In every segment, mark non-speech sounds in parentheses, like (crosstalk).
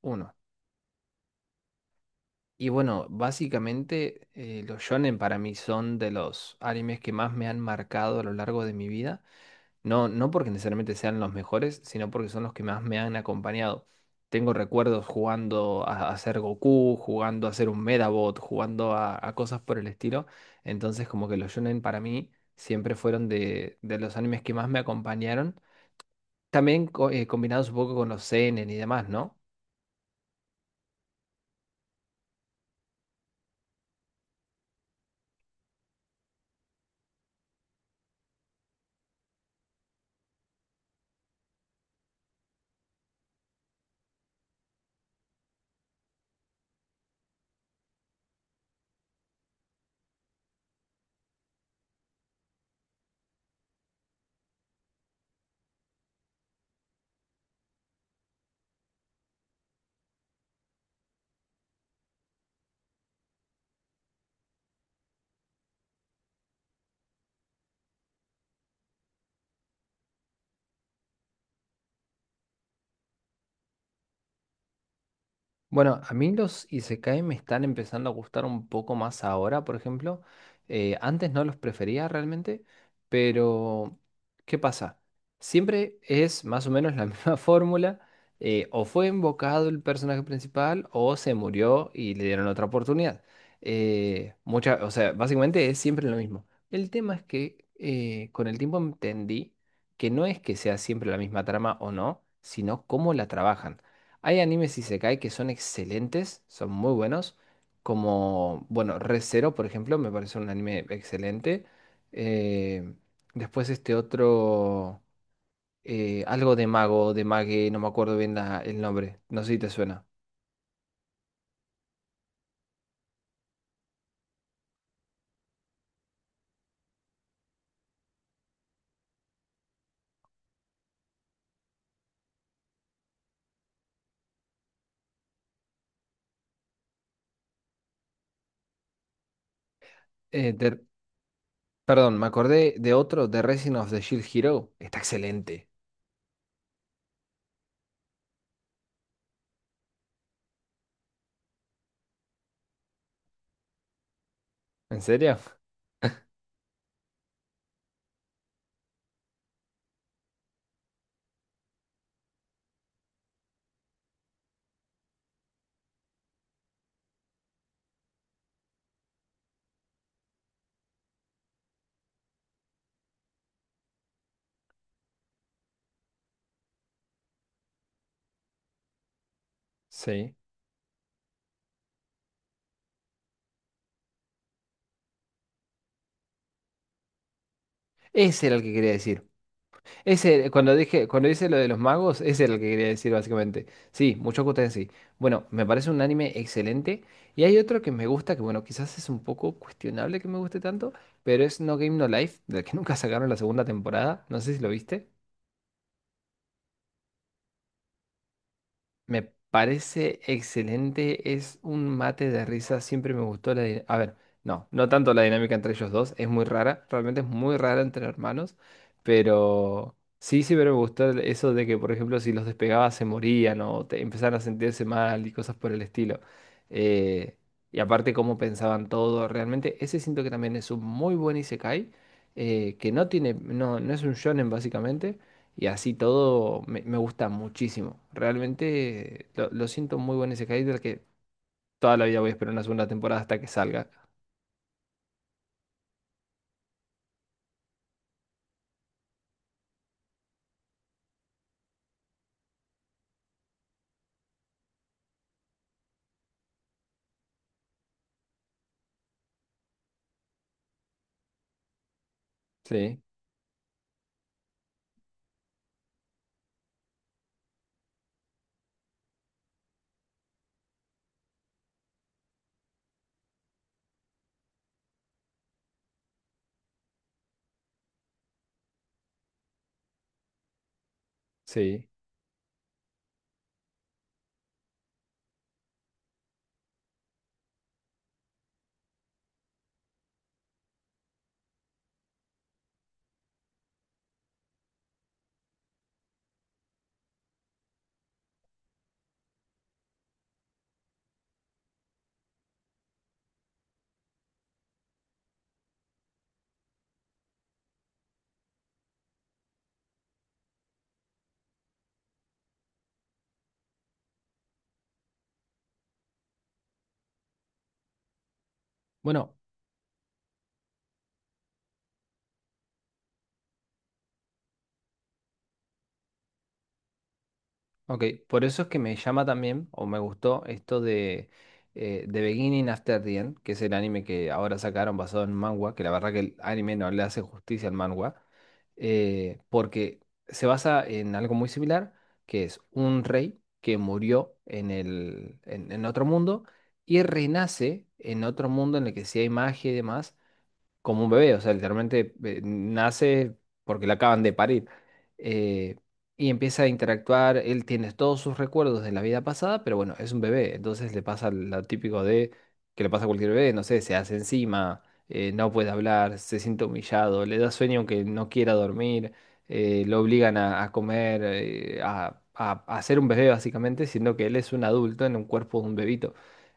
Uno. Y bueno, básicamente los shonen para mí son de los animes que más me han marcado a lo largo de mi vida. No porque necesariamente sean los mejores, sino porque son los que más me han acompañado. Tengo recuerdos jugando a ser Goku, jugando a ser un Medabot, jugando a cosas por el estilo. Entonces como que los shonen para mí siempre fueron de los animes que más me acompañaron. También combinados un poco con los seinen y demás, ¿no? Bueno, a mí los Isekai me están empezando a gustar un poco más ahora, por ejemplo. Antes no los prefería realmente, pero ¿qué pasa? Siempre es más o menos la (laughs) misma fórmula. O fue invocado el personaje principal o se murió y le dieron otra oportunidad. O sea, básicamente es siempre lo mismo. El tema es que con el tiempo entendí que no es que sea siempre la misma trama o no, sino cómo la trabajan. Hay animes isekai que son excelentes, son muy buenos, como, bueno, Re:Zero, por ejemplo, me parece un anime excelente. Eh, Después este otro, algo de mago, de mague, no me acuerdo bien el nombre, no sé si te suena. Eh, de- Perdón, me acordé de otro, The Rising of the Shield Hero, está excelente. ¿En serio? Sí. Ese era el que quería decir. Ese, cuando dije, cuando dice lo de los magos, ese es el que quería decir básicamente. Sí, Mushoku Tensei. Bueno, me parece un anime excelente. Y hay otro que me gusta, que bueno, quizás es un poco cuestionable que me guste tanto, pero es No Game No Life, del que (laughs) nunca sacaron la segunda temporada. No sé si lo viste. Me parece excelente, es un mate de risa, siempre me gustó A ver, no, no tanto la dinámica entre ellos dos, es muy rara, realmente es muy rara entre hermanos, pero sí, pero me gustó eso de que, por ejemplo, si los despegabas se morían o te empezaban a sentirse mal y cosas por el estilo. Eh, y aparte cómo pensaban todo, realmente ese siento que también es un muy buen isekai, que no tiene, no es un shonen básicamente y así todo me gusta muchísimo. Realmente lo siento muy bueno ese Hyder que toda la vida voy a esperar una segunda temporada hasta que salga. Sí, sí. Bueno, ok, por eso es que me llama también, o me gustó, esto de The Beginning After the End, que es el anime que ahora sacaron basado en manga, que la verdad que el anime no le hace justicia al manga, porque se basa en algo muy similar, que es un rey que murió en en otro mundo y renace en otro mundo en el que sí hay magia y demás como un bebé, o sea, literalmente nace porque la acaban de parir. eh, y empieza a interactuar, él tiene todos sus recuerdos de la vida pasada, pero bueno, es un bebé, entonces le pasa lo típico de que le pasa a cualquier bebé, no sé, se hace encima, no puede hablar, se siente humillado, le da sueño aunque no quiera dormir, lo obligan a comer, a ser un bebé básicamente, siendo que él es un adulto en un cuerpo de un bebito.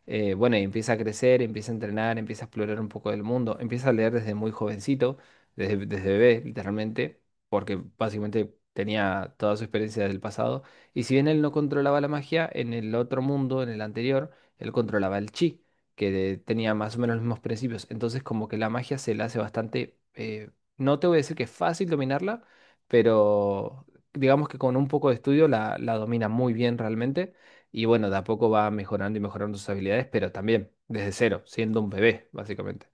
Bueno, y empieza a crecer, empieza a entrenar, empieza a explorar un poco del mundo, empieza a leer desde muy jovencito, desde bebé, literalmente, porque básicamente tenía toda su experiencia del pasado. Y si bien él no controlaba la magia, en el otro mundo, en el anterior, él controlaba el chi, que tenía más o menos los mismos principios. Entonces, como que la magia se le hace bastante, no te voy a decir que es fácil dominarla, pero digamos que con un poco de estudio la domina muy bien realmente. Y bueno, de a poco va mejorando y mejorando sus habilidades, pero también desde cero, siendo un bebé, básicamente.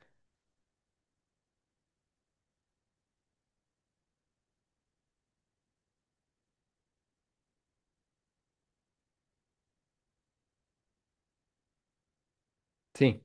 Sí,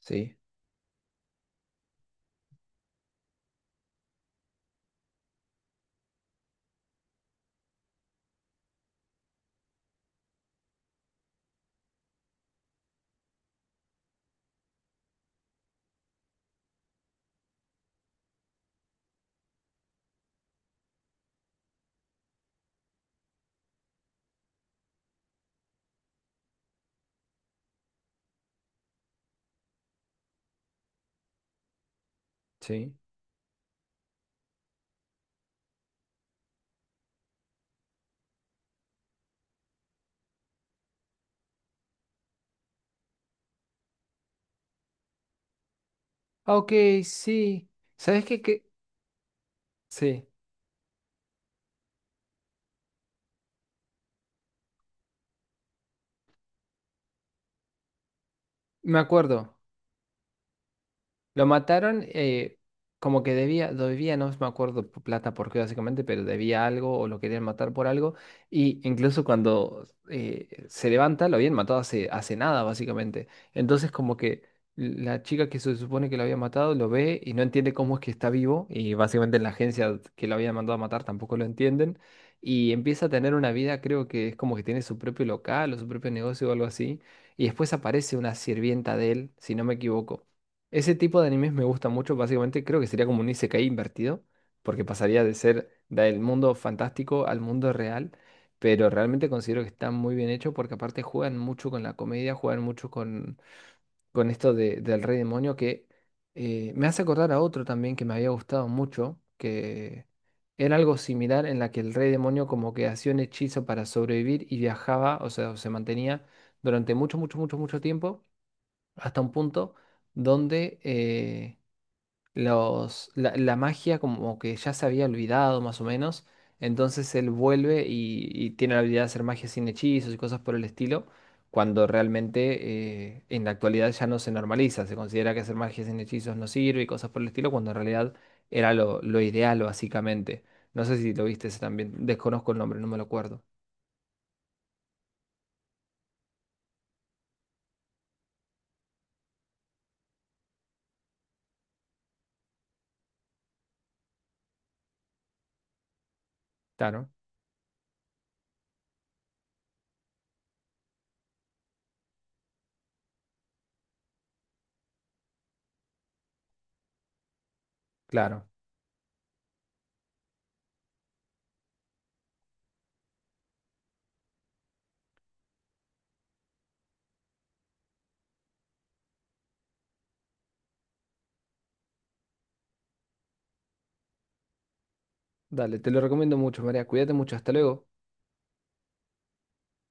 sí, sí. Ah, ok, sí. ¿Sabes qué, qué? Sí, me acuerdo. Lo mataron como que debía, debía, no me acuerdo plata por qué básicamente, pero debía algo o lo querían matar por algo. Y incluso cuando se levanta, lo habían matado hace, hace nada básicamente. Entonces como que la chica que se supone que lo había matado lo ve y no entiende cómo es que está vivo. Y básicamente la agencia que lo había mandado a matar tampoco lo entienden. Y empieza a tener una vida, creo que es como que tiene su propio local o su propio negocio o algo así. Y después aparece una sirvienta de él, si no me equivoco ese tipo de animes me gusta mucho, básicamente creo que sería como un isekai invertido, porque pasaría de ser del mundo fantástico al mundo real, pero realmente considero que está muy bien hecho porque aparte juegan mucho con la comedia, juegan mucho con esto de- del rey demonio que me hace acordar a otro también que me había gustado mucho, que era algo similar en la que el rey demonio como que hacía un hechizo para sobrevivir y viajaba, o sea, o se mantenía durante mucho tiempo hasta un punto donde la magia como que ya se había olvidado más o menos, entonces él vuelve y tiene la habilidad de hacer magia sin hechizos y cosas por el estilo, cuando realmente en la actualidad ya no se normaliza, se considera que hacer magia sin hechizos no sirve y cosas por el estilo, cuando en realidad era lo ideal básicamente. No sé si lo viste ese también, desconozco el nombre, no me lo acuerdo. Claro, claro. Dale, te lo recomiendo mucho, María. Cuídate mucho, hasta luego.